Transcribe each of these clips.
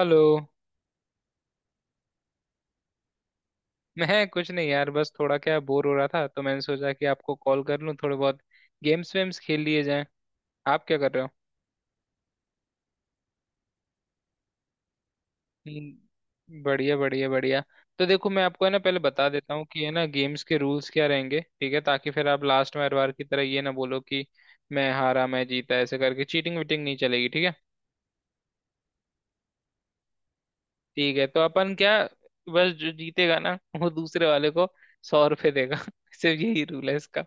Hello. मैं कुछ नहीं यार, बस थोड़ा क्या बोर हो रहा था तो मैंने सोचा कि आपको कॉल कर लूं, थोड़े बहुत गेम्स वेम्स खेल लिए जाएं। आप क्या कर रहे हो? बढ़िया बढ़िया बढ़िया। तो देखो, मैं आपको है ना पहले बता देता हूँ कि है ना गेम्स के रूल्स क्या रहेंगे, ठीक है, ताकि फिर आप लास्ट में हर बार की तरह ये ना बोलो कि मैं हारा मैं जीता, ऐसे करके चीटिंग वीटिंग नहीं चलेगी, ठीक है? ठीक है, तो अपन क्या, बस जो जीतेगा ना वो दूसरे वाले को 100 रुपये देगा सिर्फ यही रूल है इसका।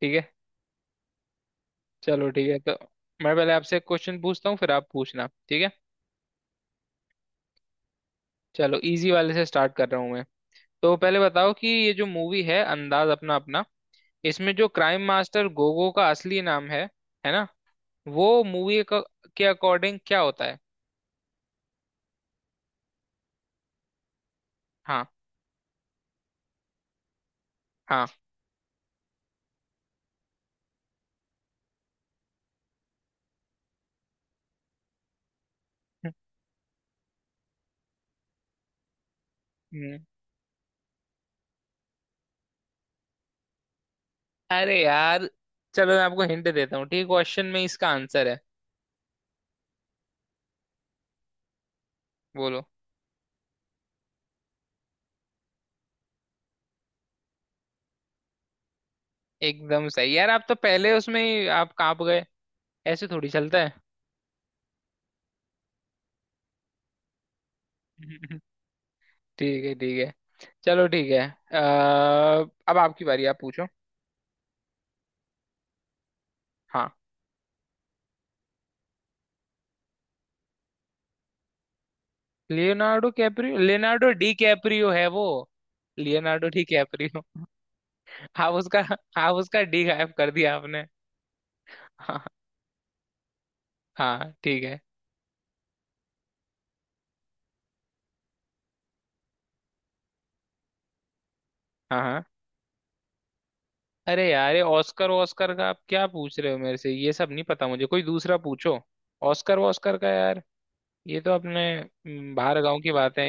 ठीक है। चलो ठीक है, तो मैं पहले आपसे क्वेश्चन पूछता हूँ फिर आप पूछना, ठीक है? चलो इजी वाले से स्टार्ट कर रहा हूँ मैं। तो पहले बताओ कि ये जो मूवी है अंदाज अपना अपना, इसमें जो क्राइम मास्टर गोगो का असली नाम है ना, वो मूवी के अकॉर्डिंग क्या होता है? हाँ। हाँ। हम्म, अरे यार, चलो मैं आपको हिंट देता हूँ, ठीक, क्वेश्चन में इसका आंसर है। बोलो। एकदम सही यार, आप तो पहले उसमें ही आप कांप गए, ऐसे थोड़ी चलता है। ठीक है ठीक है, चलो ठीक है। अ, अब आपकी बारी, आप पूछो। हाँ, Leonardo Caprio, Leonardo DiCaprio है वो। Leonardo D Caprio. आप उसका, आप उसका डी गायब कर दिया आपने। हाँ हाँ ठीक है। हाँ हाँ, अरे यार, ये ऑस्कर ऑस्कर का आप क्या पूछ रहे हो मेरे से, ये सब नहीं पता मुझे, कोई दूसरा पूछो। ऑस्कर ऑस्कर का यार, ये तो अपने बाहर गांव की बात है।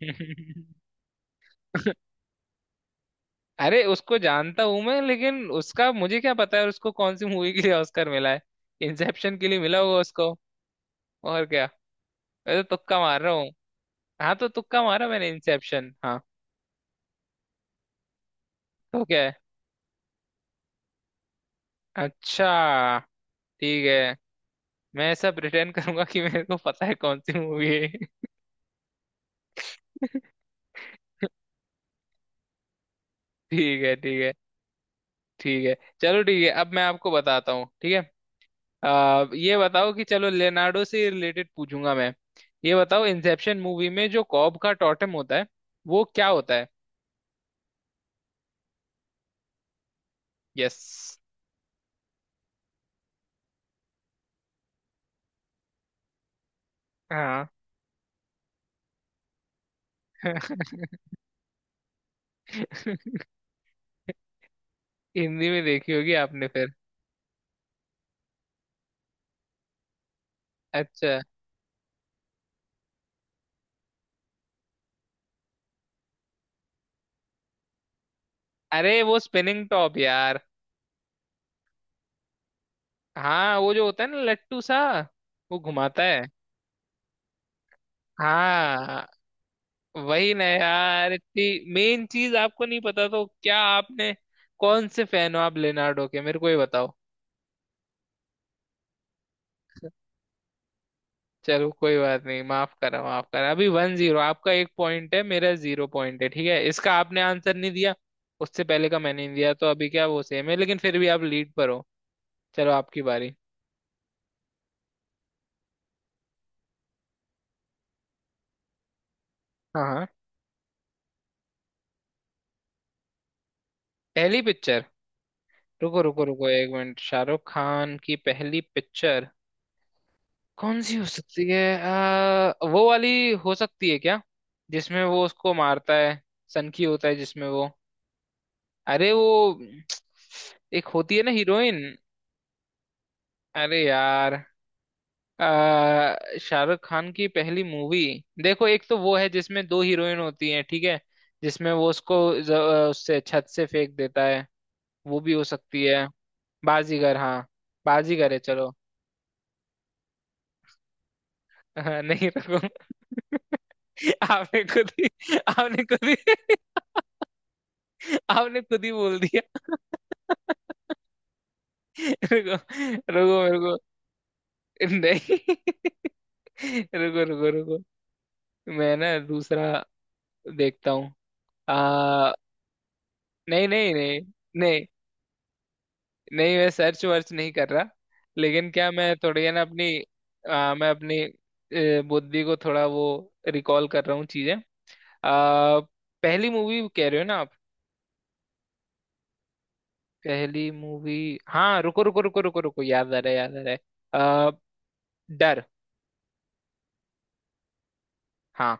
ये अरे उसको जानता हूं मैं, लेकिन उसका मुझे क्या पता है उसको कौन सी मूवी के लिए ऑस्कर मिला है। इंसेप्शन के लिए मिला होगा उसको, और क्या, मैं तो तुक्का मार रहा हूँ। हाँ, तो तुक्का मारा मैंने इंसेप्शन, हाँ। तो क्या है? अच्छा, ठीक है। मैं ऐसा प्रिटेंड करूंगा कि मेरे को पता है कौन सी मूवी है। ठीक है ठीक है ठीक है। चलो ठीक है, अब मैं आपको बताता हूँ, ठीक है। ये बताओ कि चलो लेनार्डो से रिलेटेड पूछूंगा मैं। ये बताओ, इंसेप्शन मूवी में जो कॉब का टॉटेम होता है, वो क्या होता है? यस। हाँ। हिंदी में देखी होगी आपने फिर। अच्छा। अरे वो स्पिनिंग टॉप यार। हाँ, वो जो होता है ना लट्टू सा। वो घुमाता है। हाँ, वही ना यार, इतनी मेन चीज आपको नहीं पता तो क्या आपने, कौन से फैन हो आप लेनार्डो के, मेरे को ही बताओ। चलो कोई बात नहीं, माफ करा माफ करा, अभी वन जीरो, आपका एक पॉइंट है मेरा जीरो पॉइंट है, ठीक है, इसका आपने आंसर नहीं दिया, उससे पहले का मैंने नहीं दिया, तो अभी क्या वो सेम है, लेकिन फिर भी आप लीड पर हो। चलो आपकी बारी। हाँ। हाँ। पहली पिक्चर? रुको रुको रुको, एक मिनट, शाहरुख खान की पहली पिक्चर कौन सी हो सकती है? वो वाली हो सकती है क्या जिसमें वो उसको मारता है, सनकी होता है जिसमें वो, अरे वो, एक होती है ना हीरोइन। अरे यार, आ, शाहरुख खान की पहली मूवी। देखो, एक तो वो है जिसमें दो हीरोइन होती हैं, ठीक है, जिसमें वो उसको ज- उससे छत से फेंक देता है, वो भी हो सकती है। बाजीगर? हाँ, बाजीगर है, चलो। नहीं रखो, आपने खुद ही, आपने खुद ही आपने खुद ही बोल दिया। रुको रुको रुको, नहीं रुको रुको रुको। मैं ना दूसरा देखता हूँ। आ नहीं नहीं नहीं, नहीं नहीं, मैं सर्च वर्च नहीं कर रहा, लेकिन क्या मैं थोड़ी है ना अपनी, मैं अपनी बुद्धि को थोड़ा वो रिकॉल कर रहा हूँ चीजें। आ, पहली मूवी कह रहे हो ना आप? पहली मूवी, हाँ, रुको रुको रुको रुको रुको, याद आ रहा है, याद आ रहा है। आ, डर। हाँ,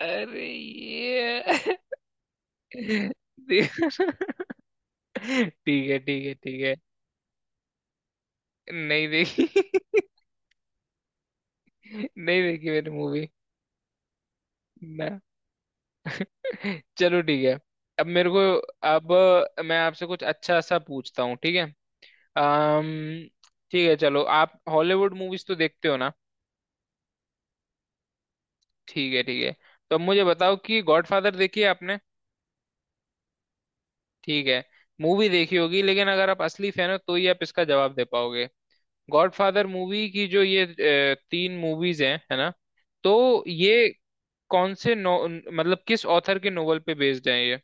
अरे ये ठीक है ठीक है ठीक है। नहीं देखी। नहीं देखी मैंने मूवी। ना। चलो ठीक है। अब मेरे को, अब मैं आपसे कुछ अच्छा सा पूछता हूँ, ठीक है। अम्म ठीक है चलो, आप हॉलीवुड मूवीज तो देखते हो ना। ठीक है ठीक है, तो अब मुझे बताओ कि गॉडफादर देखी है आपने? ठीक है, मूवी देखी होगी लेकिन अगर आप असली फैन हो तो ही आप इसका जवाब दे पाओगे। गॉडफादर मूवी की जो ये तीन मूवीज हैं, है ना, तो ये कौन से नो, मतलब किस ऑथर के नोवेल पे बेस्ड है ये?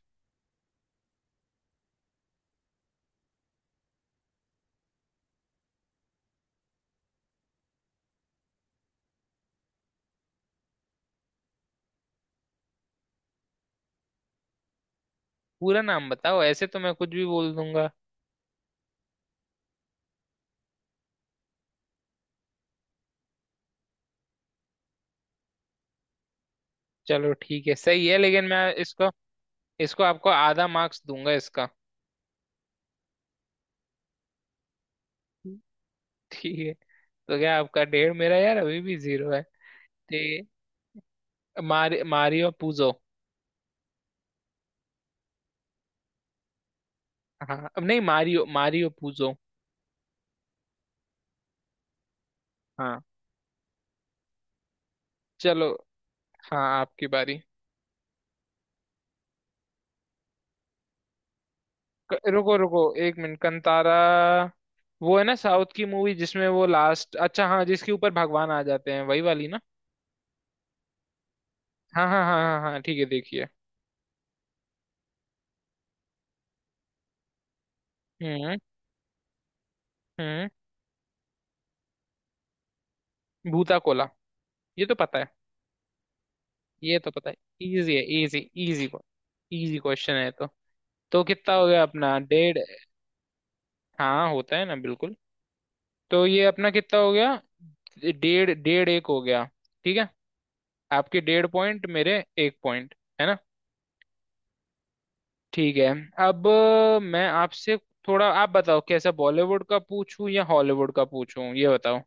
पूरा नाम बताओ, ऐसे तो मैं कुछ भी बोल दूंगा। चलो ठीक है, सही है, लेकिन मैं इसको, इसको आपको आधा मार्क्स दूंगा इसका। ठीक है, तो क्या आपका डेढ़, मेरा यार अभी भी जीरो है। ठीक है। Mario Puzo. हाँ, अब नहीं मारियो, मारियो पूजो। हाँ। चलो। हाँ, आपकी बारी। रुको रुको, एक मिनट, कंतारा। वो है ना साउथ की मूवी, जिसमें वो लास्ट, अच्छा हाँ, जिसके ऊपर भगवान आ जाते हैं, वही वाली ना। हाँ हाँ हाँ हाँ हाँ, ठीक है, देखिए। हम्म। हम्म। भूता कोला। ये तो पता है। ये तो पता है, इजी है, इजी, इजी, इजी क्वेश्चन है तो। तो कितना हो गया अपना, डेढ़। हाँ, होता है ना बिल्कुल। तो ये अपना कितना हो गया, डेढ़, डेढ़ एक हो गया। ठीक है। आपके डेढ़ पॉइंट, मेरे एक पॉइंट, है ना। ठीक है। अब मैं आपसे थोड़ा, आप बताओ कैसा, बॉलीवुड का पूछूं या हॉलीवुड का पूछूं, ये बताओ।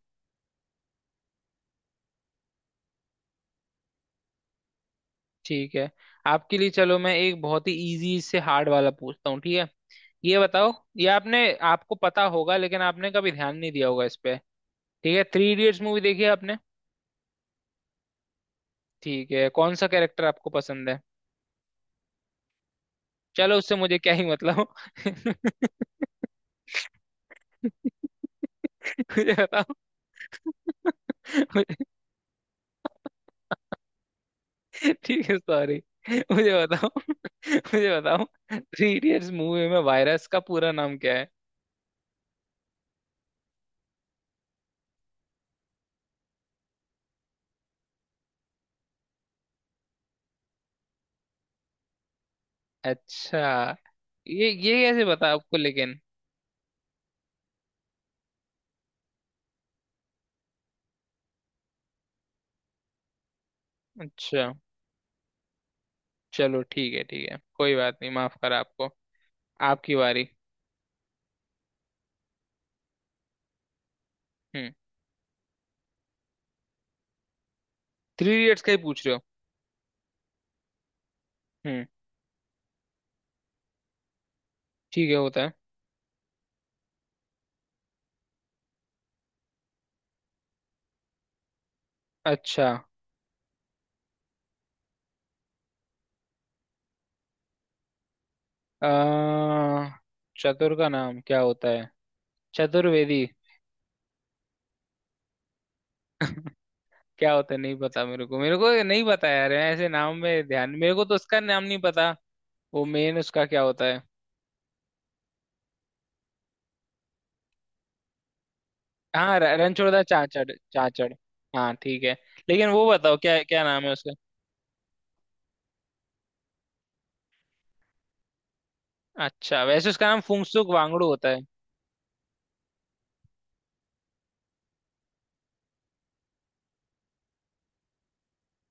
ठीक है, आपके लिए चलो मैं एक बहुत ही इजी से हार्ड वाला पूछता हूँ, ठीक है। ये बताओ ये आपने, आपको पता होगा लेकिन आपने कभी ध्यान नहीं दिया होगा इस पे। ठीक है, थ्री इडियट्स मूवी देखी है आपने? ठीक है, कौन सा कैरेक्टर आपको पसंद है? चलो, उससे मुझे क्या ही मतलब। मुझे बताओ, मुझे- ठीक है, सॉरी। मुझे बताओ, मुझे बताओ, थ्री इडियट्स मूवी में वायरस का पूरा नाम क्या है? अच्छा, ये कैसे पता आपको लेकिन? अच्छा, चलो ठीक है ठीक है, कोई बात नहीं, माफ करा आपको। आपकी बारी। हम्म, थ्री इडियट्स का ही पूछ रहे हो? हम्म, ठीक है, होता है। अच्छा, अ, चतुर का नाम क्या होता है? चतुर्वेदी। क्या होता है, नहीं पता मेरे को, मेरे को ये नहीं पता यार, मैं ऐसे नाम में ध्यान, मेरे को तो उसका नाम नहीं पता। वो मेन उसका क्या होता है? हाँ, रणछोड़दास चाचड़ चाचड़। हाँ ठीक है, लेकिन वो बताओ क्या क्या नाम है उसका। अच्छा, वैसे उसका नाम फुंगसुक वांगडू होता है।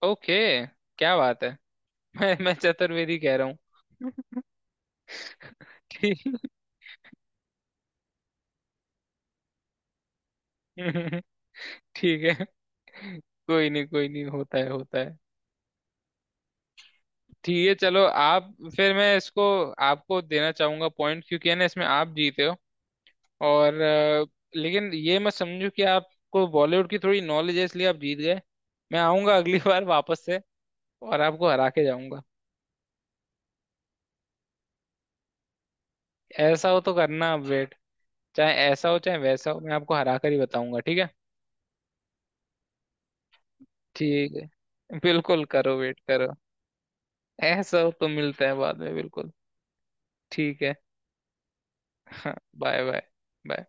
ओके, क्या बात है। मैं चतुर्वेदी कह रहा हूँ। ठीक ठीक है। कोई नहीं कोई नहीं, होता है होता है। ठीक है, चलो आप, फिर मैं इसको आपको देना चाहूंगा पॉइंट, क्योंकि है ना इसमें आप जीते हो। और लेकिन ये मत समझो कि आपको बॉलीवुड की थोड़ी नॉलेज है इसलिए आप जीत गए, मैं आऊंगा अगली बार वापस से और आपको हरा के जाऊंगा। ऐसा हो तो करना अपडेट। चाहे ऐसा हो चाहे वैसा हो, मैं आपको हरा कर ही बताऊंगा, ठीक है। ठीक है, बिल्कुल करो, वेट करो। ऐसा हो तो मिलते हैं बाद में, बिल्कुल। ठीक है। हाँ, बाय बाय। बाय।